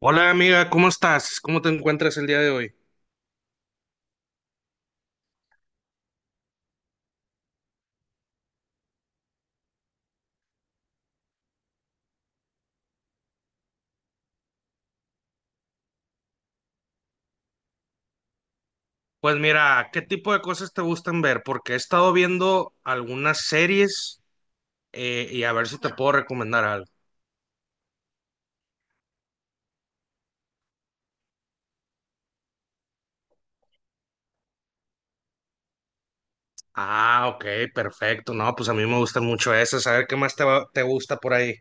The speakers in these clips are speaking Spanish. Hola amiga, ¿cómo estás? ¿Cómo te encuentras el día de hoy? Pues mira, ¿qué tipo de cosas te gustan ver? Porque he estado viendo algunas series y a ver si te puedo recomendar algo. Ah, ok, perfecto. No, pues a mí me gustan mucho esas. A ver qué más te gusta por ahí.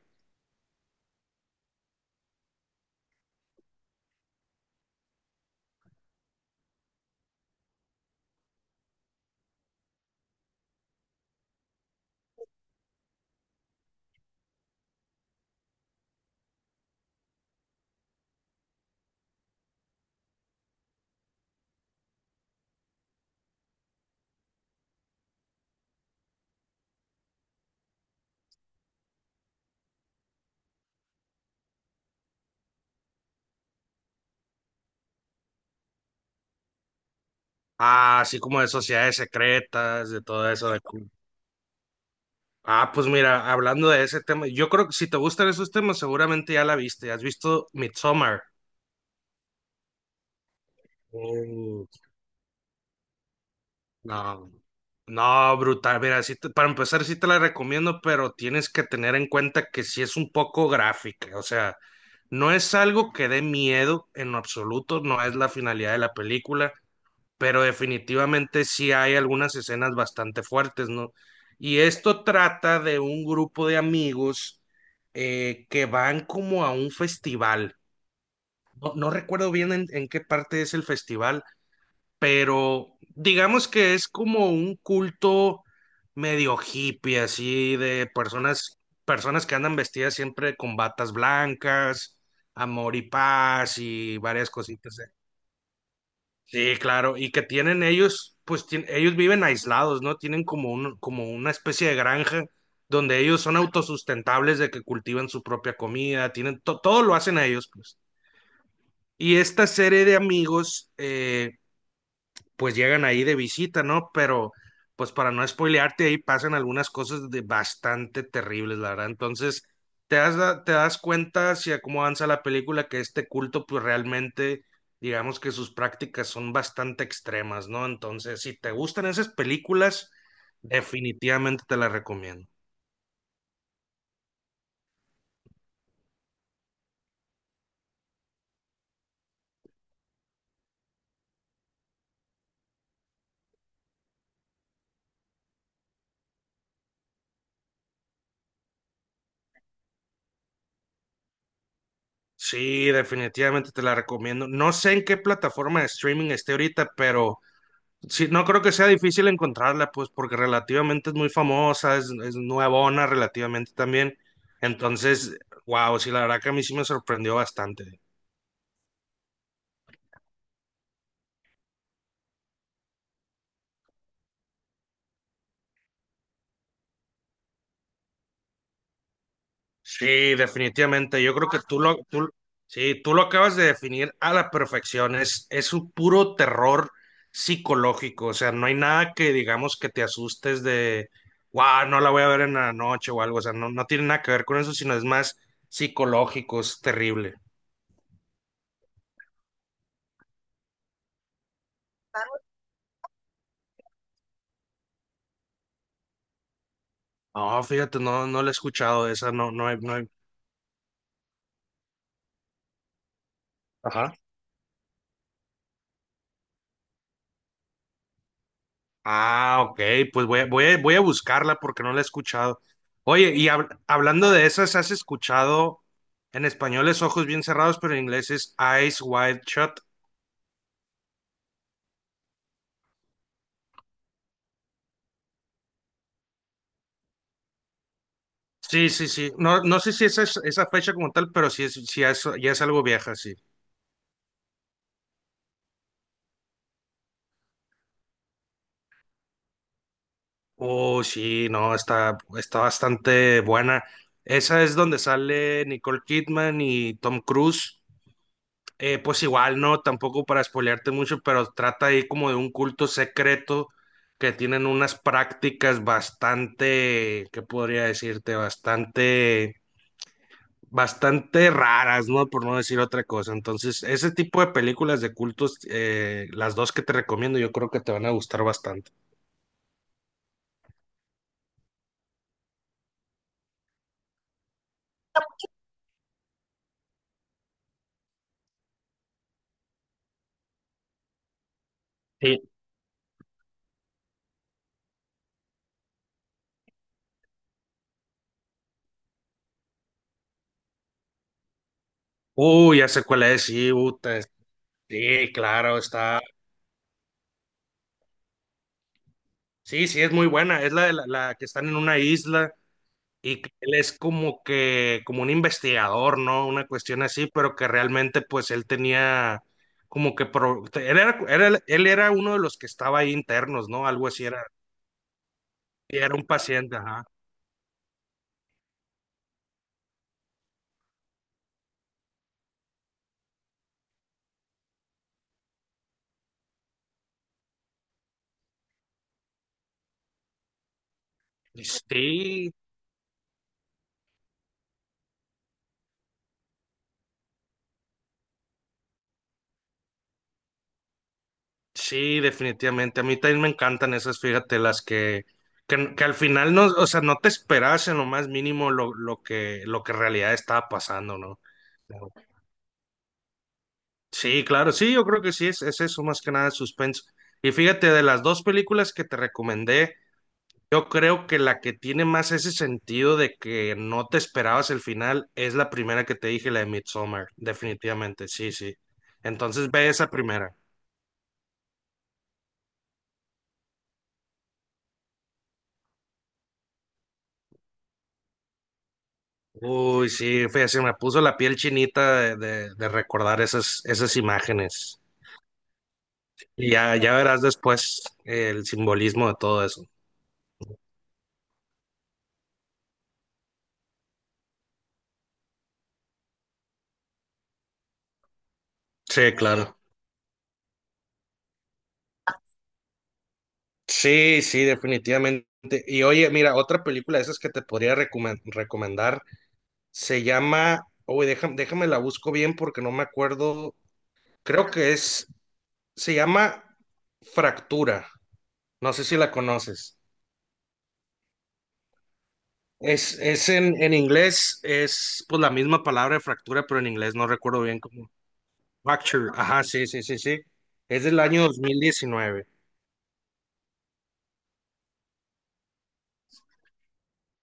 Ah, así como de sociedades secretas, de todo eso. Ah, pues mira, hablando de ese tema, yo creo que si te gustan esos temas, seguramente ya la viste. ¿Has visto Midsommar? Oh. No, no, brutal. Mira, para empezar, sí te la recomiendo, pero tienes que tener en cuenta que sí es un poco gráfica. O sea, no es algo que dé miedo en lo absoluto, no es la finalidad de la película, pero definitivamente sí hay algunas escenas bastante fuertes, ¿no? Y esto trata de un grupo de amigos que van como a un festival. No, no recuerdo bien en qué parte es el festival, pero digamos que es como un culto medio hippie, así de personas que andan vestidas siempre con batas blancas, amor y paz y varias cositas. Sí, claro, y que tienen ellos, pues ellos viven aislados, ¿no? Tienen como una especie de granja donde ellos son autosustentables de que cultivan su propia comida, tienen todo lo hacen ellos, pues. Y esta serie de amigos, pues llegan ahí de visita, ¿no? Pero pues para no spoilearte, ahí pasan algunas cosas de bastante terribles, la verdad. Entonces, te das cuenta hacia cómo avanza la película que este culto, pues realmente, digamos que sus prácticas son bastante extremas, ¿no? Entonces, si te gustan esas películas, definitivamente te las recomiendo. Sí, definitivamente te la recomiendo. No sé en qué plataforma de streaming esté ahorita, pero sí, no creo que sea difícil encontrarla, pues, porque relativamente es muy famosa, es nuevona relativamente también. Entonces, wow, sí, la verdad que a mí sí me sorprendió bastante. Sí, definitivamente. Yo creo que sí, tú lo acabas de definir a la perfección. Es un puro terror psicológico. O sea, no hay nada que digamos que te asustes de, wow, no la voy a ver en la noche o algo. O sea, no, no tiene nada que ver con eso, sino es más psicológico, es terrible. No, fíjate, no, no la he escuchado, esa no, no hay, no hay. Ajá. Ah, ok, pues voy a buscarla porque no la he escuchado. Oye, y hablando de esas, ¿has escuchado en español es ojos bien cerrados, pero en inglés es eyes wide shut? Sí, sí, sí. No, no sé si esa es esa fecha como tal, pero sí es, ya es algo vieja, sí. Oh, sí, no, está bastante buena. Esa es donde sale Nicole Kidman y Tom Cruise. Pues igual, no, tampoco para spoilearte mucho, pero trata ahí como de un culto secreto que tienen unas prácticas bastante, ¿qué podría decirte? Bastante, bastante raras, ¿no? Por no decir otra cosa. Entonces, ese tipo de películas de cultos, las dos que te recomiendo, yo creo que te van a gustar bastante. Sí. Uy, ya sé cuál es, sí, puta, sí, claro, está. Sí, sí, es muy buena. Es la, de la, la que están en una isla. Y que él es como que, como un investigador, ¿no? Una cuestión así, pero que realmente pues él tenía como que, él era uno de los que estaba ahí internos, ¿no? Algo así era, y era un paciente, ajá. Y sí, sí, definitivamente. A mí también me encantan esas, fíjate, las que al final no, o sea, no te esperas en lo más mínimo lo que en realidad estaba pasando, ¿no? Sí, claro, sí, yo creo que sí, es eso, más que nada suspenso. Y fíjate, de las dos películas que te recomendé, yo creo que la que tiene más ese sentido de que no te esperabas el final es la primera que te dije, la de Midsommar, definitivamente, sí, sí. Entonces ve esa primera. Uy, sí, fíjate, se me puso la piel chinita de, recordar esas imágenes. Y ya verás después el simbolismo de todo eso. Sí, claro. Sí, sí, definitivamente. Y oye, mira, otra película de esas que te podría recomendar se llama, oye, déjame la busco bien porque no me acuerdo, creo que es, se llama Fractura, no sé si la conoces. Es en, inglés, es pues la misma palabra de fractura, pero en inglés no recuerdo bien cómo. Fracture, ajá, sí, sí, sí, sí. Es del año 2019.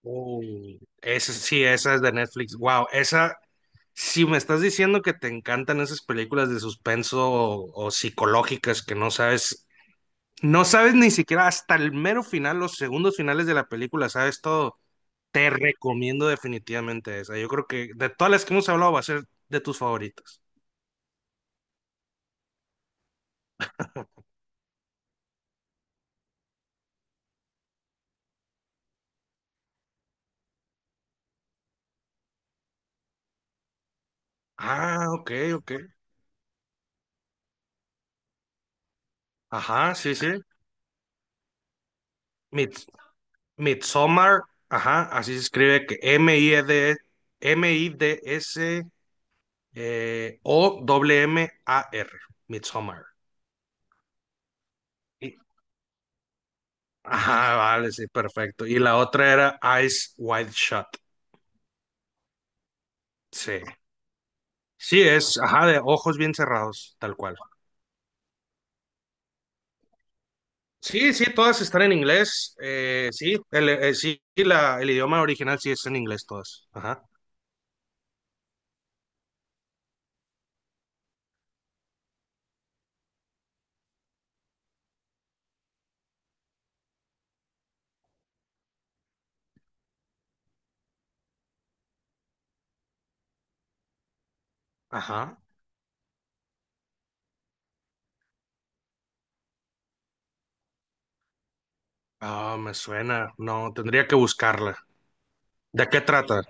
Oh. Sí, esa es de Netflix. Wow, esa, si me estás diciendo que te encantan esas películas de suspenso o psicológicas que no sabes ni siquiera hasta el mero final, los segundos finales de la película, sabes todo, te recomiendo definitivamente esa. Yo creo que de todas las que hemos hablado va a ser de tus favoritas. Ah, ok, ok. Ajá, sí, sí. Midsommar, Midsommar, ajá, así se escribe que M-I-D-S. O W-M-A-R, Midsommar. Y- ajá, vale, sí, perfecto. Y la otra era Eyes Wide Shut. Sí. Sí, ajá, de ojos bien cerrados, tal cual. Sí, sí, todas están en inglés. Sí, el idioma original sí es en inglés todas. Ajá, ajá. Ah, me suena. No, tendría que buscarla. ¿De qué trata?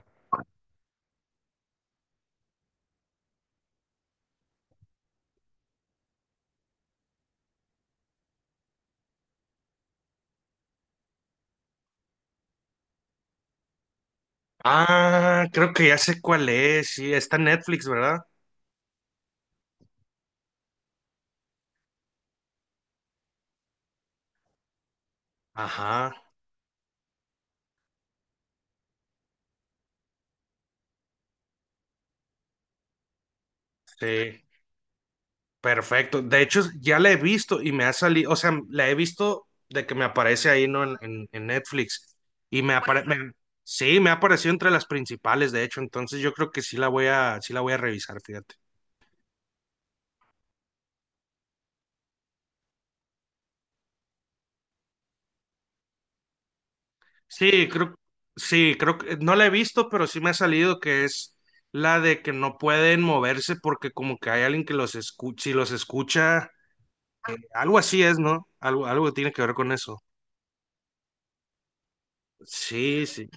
Ah, creo que ya sé cuál es. Sí, está en Netflix, ¿verdad? Ajá, sí. Perfecto. De hecho, ya la he visto y me ha salido, o sea, la he visto de que me aparece ahí, ¿no? En Netflix. Y me Bueno, aparece, sí, me ha aparecido entre las principales, de hecho. Entonces yo creo que sí la voy a revisar, fíjate. Sí, creo, sí, creo que no la he visto, pero sí me ha salido que es la de que no pueden moverse porque como que hay alguien que los escucha, si los escucha, algo así es, ¿no? Algo tiene que ver con eso. Sí, sí.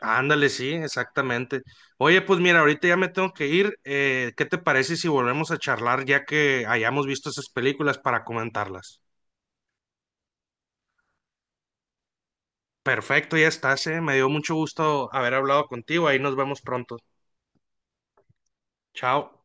Ándale, sí, exactamente. Oye, pues mira, ahorita ya me tengo que ir. ¿Qué te parece si volvemos a charlar ya que hayamos visto esas películas para comentarlas? Perfecto, ya estás. Me dio mucho gusto haber hablado contigo. Ahí nos vemos pronto. Chao.